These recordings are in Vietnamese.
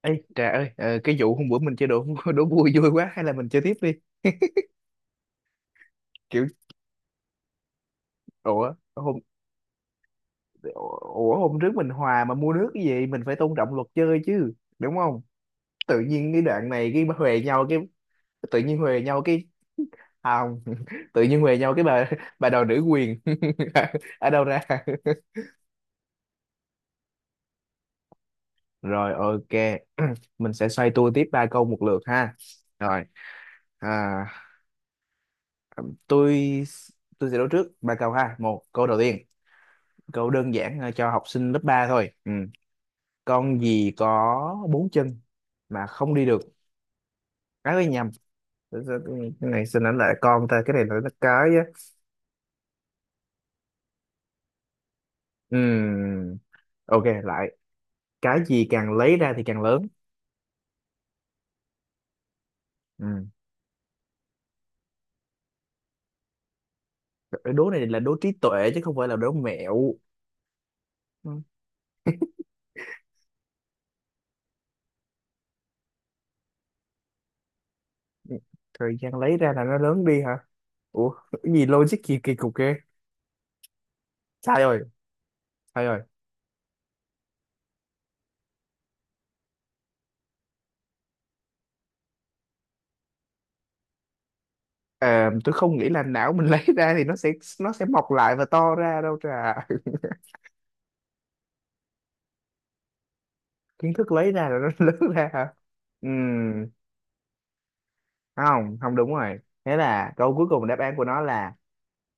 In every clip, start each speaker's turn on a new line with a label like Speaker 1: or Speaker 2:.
Speaker 1: Ê, Trà ơi, cái vụ hôm bữa mình chơi đố đố vui vui quá, hay là mình chơi tiếp đi. Kiểu, ủa hôm ủa hôm trước mình hòa mà mua nước cái gì, mình phải tôn trọng luật chơi chứ, đúng không? Tự nhiên cái đoạn này cái huề nhau, cái tự nhiên huề nhau cái. À, không, tự nhiên huề nhau cái, bà đòi nữ quyền ở đâu ra? Rồi, ok, mình sẽ xoay tua tiếp ba câu một lượt ha. Rồi, à, tôi tôi sẽ đố trước ba câu ha. Một câu đầu tiên, câu đơn giản, cho học sinh lớp 3 thôi, ừ. Con gì có bốn chân mà không đi được? Cái nhầm. Cái cái này xin ảnh lại con ta, cái này là nó cái á. Ừ, ok lại. Cái gì càng lấy ra thì càng lớn? Ừ. Cái đố này là đố trí tuệ chứ không phải là đố mẹo. Ừ. Thời gian lấy ra là nó lớn đi hả? Ủa, cái gì logic gì kỳ cục kia? Sai rồi, sai rồi. Ờ, tôi không nghĩ là não mình lấy ra thì nó sẽ mọc lại và to ra đâu, Trà. Kiến thức lấy ra rồi nó lớn ra hả? Ừm, không, không đúng rồi. Thế là câu cuối cùng, đáp án của nó là,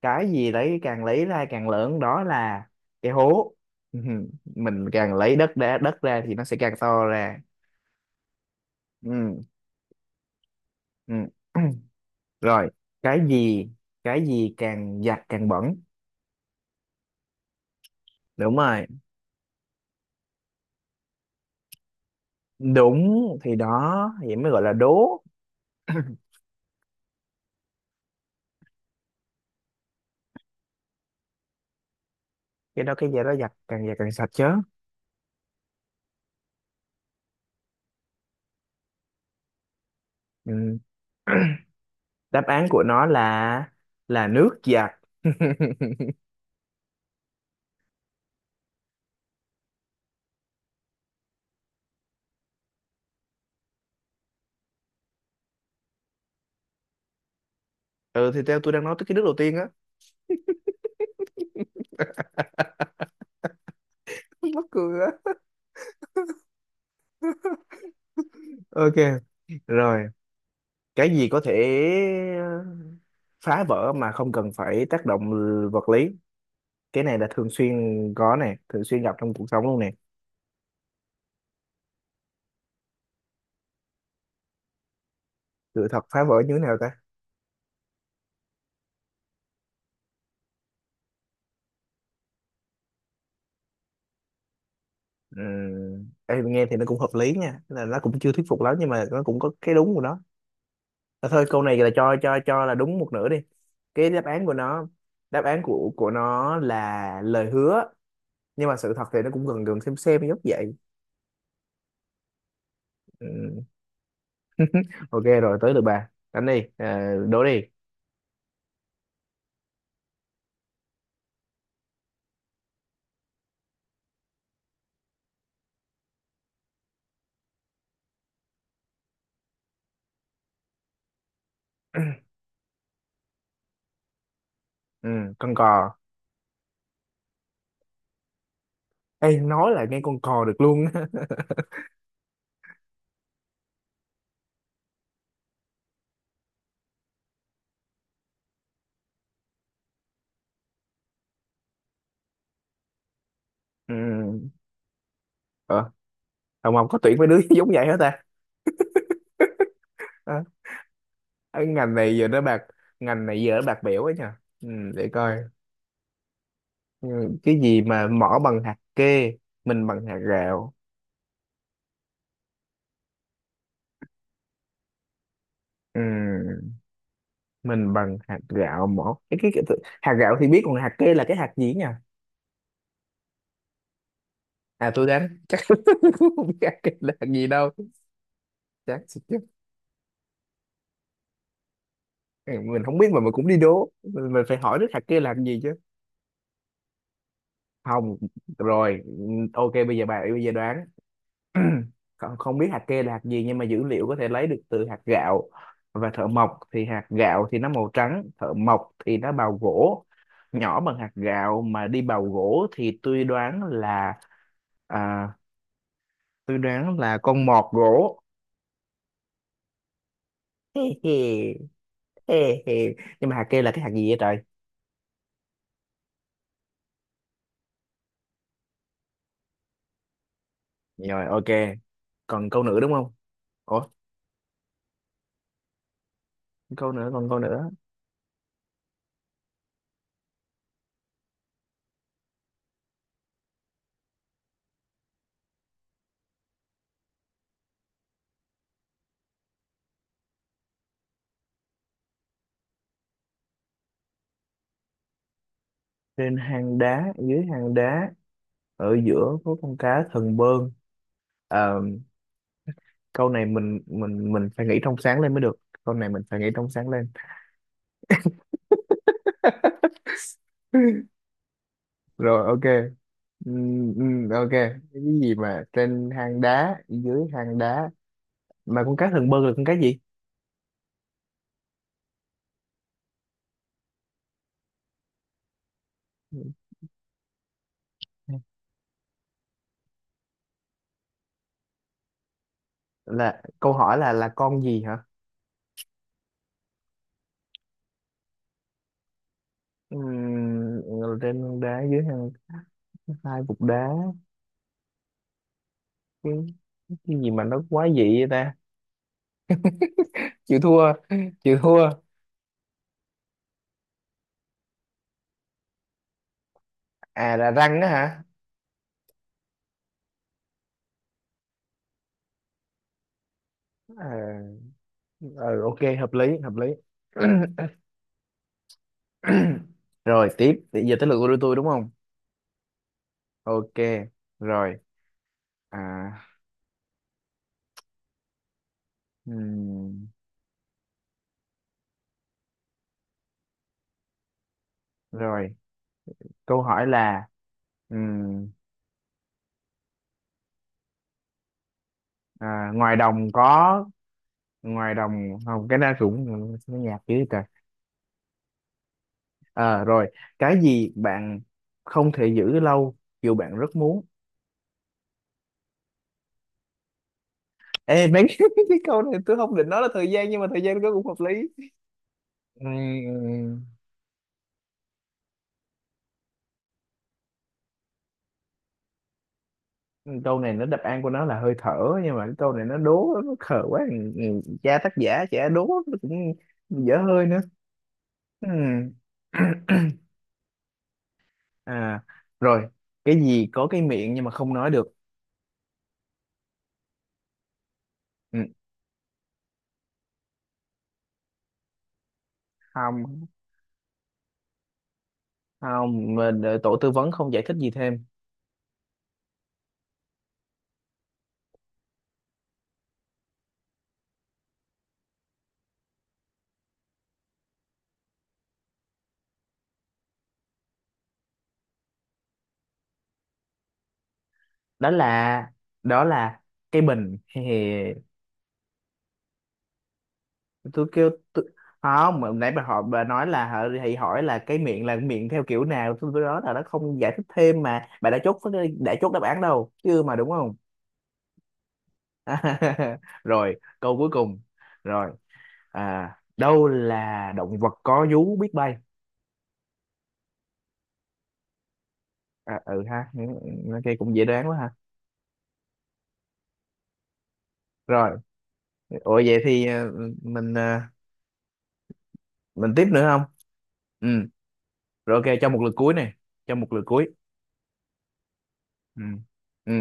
Speaker 1: cái gì càng lấy ra càng lớn, đó là cái hố. Mình càng lấy đất ra thì nó sẽ càng to ra. Ừm, ừm. Rồi. cái gì cái gì càng giặt càng bẩn? Đúng rồi. Đúng thì đó, vậy mới gọi là đố. Cái đó cái gì đó giặt càng sạch chứ. Ừm, đáp án của nó là nước giặt. Ừ, thì theo tôi đang nói tới cái nước đầu tiên á. Mắc cười á. Ok rồi, cái gì có thể ờ, phá vỡ mà không cần phải tác động vật lý? Cái này là thường xuyên có nè, thường xuyên gặp trong cuộc sống luôn nè. Sự thật phá vỡ như thế nào ta? Em nghe thì nó cũng hợp lý nha, là nó cũng chưa thuyết phục lắm nhưng mà nó cũng có cái đúng của nó. À, thôi, câu này là cho là đúng một nửa đi. Cái đáp án của nó, đáp án của nó là lời hứa, nhưng mà sự thật thì nó cũng gần gần xem giống vậy. Ok rồi tới lượt bà đánh đi, đố đi. Ừ, con cò. Ê, nói là nghe con cò được luôn á. Ừ. Ờ, Hồng Ngọc có tuyển mấy đứa giống vậy hết ta? Ờ, cái ngành này giờ nó bạc, ngành này giờ nó bạc bẽo ấy nha. Ừ, để coi. Ừ, cái gì mà mỏ bằng hạt kê, mình bằng hạt gạo. Ừ, mình bằng hạt gạo, mỏ cái. Hạt gạo thì biết, còn hạt kê là cái hạt gì nha. À, tôi đoán chắc không biết hạt kê là hạt gì đâu. Chắc mình không biết mà mình cũng đi đố, mình phải hỏi đứa thằng kia làm gì chứ. Không. Rồi, ok, bây giờ bà bây giờ đoán. Còn không biết hạt kê là hạt gì, nhưng mà dữ liệu có thể lấy được từ hạt gạo và thợ mộc. Thì hạt gạo thì nó màu trắng, thợ mộc thì nó bào gỗ, nhỏ bằng hạt gạo mà đi bào gỗ thì tôi đoán là, à, tôi đoán là con mọt gỗ. Hê hê, hê hê. Nhưng mà hạt kê là cái hạt gì vậy trời? Rồi, ok. Còn câu nữa đúng không? Ủa, câu nữa, còn câu nữa. Trên hang đá, dưới hang đá, ở giữa có con cá thần bơn. À, câu này mình phải nghĩ trong sáng lên mới được. Câu này mình phải nghĩ trong sáng lên. Rồi, ok. Ok, cái gì mà trên hang đá dưới hang đá, mà con cá thần bơn là con cá gì? Là câu hỏi là con gì hả? Ừm, trên hang đá dưới hang, hai cục đá. cái, cái gì mà nó quá dị vậy ta? Chịu thua, chịu thua. À, là răng á hả? Ờ, ừ, ok, hợp lý hợp lý. Rồi tiếp, bây giờ tới lượt của tôi đúng không? Ok, rồi, à. ừm, Rồi, câu hỏi là, ừm, ngoài đồng có, ngoài đồng không, cái đó cũng, nó nhạt dữ trời. Ờ, rồi. Cái gì bạn không thể giữ lâu dù bạn rất muốn? Ê mấy, cái câu này tôi không định nói là thời gian nhưng mà thời gian nó cũng hợp lý. Ừm, câu này nó đáp án của nó là hơi thở, nhưng mà cái câu này nó đố nó khờ quá. Ừ, cha tác giả trẻ đố nó cũng dở hơi nữa. Ừ. à Rồi, cái gì có cái miệng nhưng mà không nói được? Ừ. Không, không mà đợi tổ tư vấn không giải thích gì thêm. Đó là, đó là cái bình. Hề hề. Tôi kêu tôi... Không, mà nãy bà hỏi bà nói là hả, thì hỏi là cái miệng là miệng theo kiểu nào, tôi nói là nó không giải thích thêm mà bà đã chốt, đã chốt đáp án đâu chứ, mà đúng không? Rồi câu cuối cùng, rồi. À, đâu là động vật có vú biết bay? À, ừ ha, nó kia cũng dễ đoán quá ha. Rồi. Ủa, vậy thì ờ, mình tiếp nữa không? Ừ, rồi, ok, cho một lượt cuối này, cho một lượt cuối. Ừ, ừ.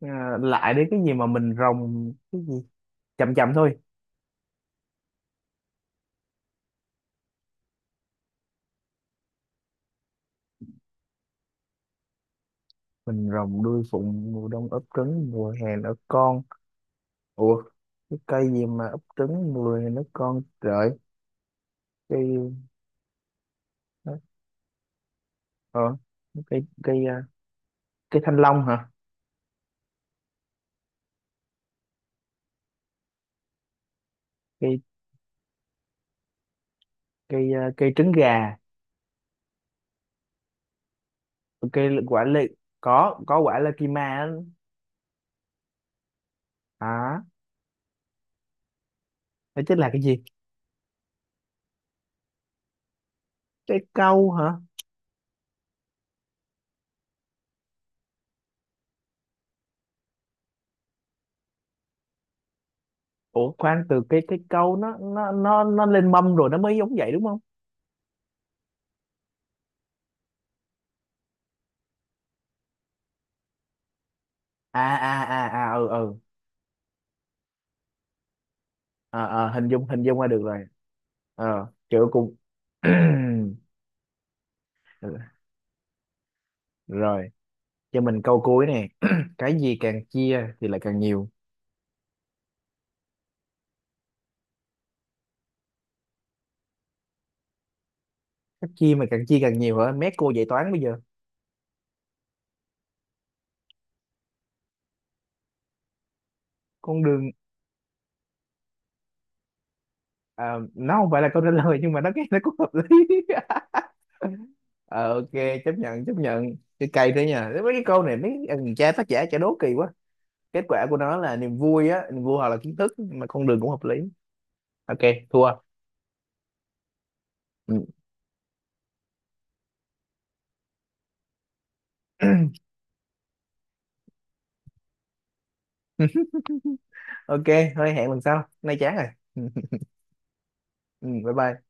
Speaker 1: Ờ, lại đến cái gì mà mình rồng cái gì? Chậm chậm thôi. Mình rồng đuôi phụng, mùa đông ấp trứng, mùa hè nở con. Ủa, cái cây gì mà ấp trứng mùa hè nở con trời? Cây, ờ, cây cây à, cây thanh long hả? Cây cây à, cây trứng gà, cây quả lê. Có quả lê kima á. Hả? Đó chính là cái gì? Cái câu hả? Ủa khoan, từ cái câu nó lên mâm rồi nó mới giống vậy đúng không? À à à à, ừ ừ. Ờ ờ, hình dung ra được rồi. Ờ kiểu cùng. Rồi, cho mình câu cuối nè. Cái gì càng chia thì lại càng nhiều? Cái chia mà càng chia càng nhiều hả? Mét cô dạy toán bây giờ. Con đường. Ờ, nó không phải là câu trả lời nhưng mà nó, cái nó cũng hợp lý. Ờ, ok, chấp nhận, chấp nhận cái cây thế nha. Mấy cái câu này mấy thằng cha tác giả chả đố kỳ quá. Kết quả của nó là niềm vui á, niềm vui hoặc là kiến thức, mà con đường cũng hợp lý. Ok thua. Ừ. Ok thôi, hẹn lần sau, nay chán rồi. Ừ, bye bye.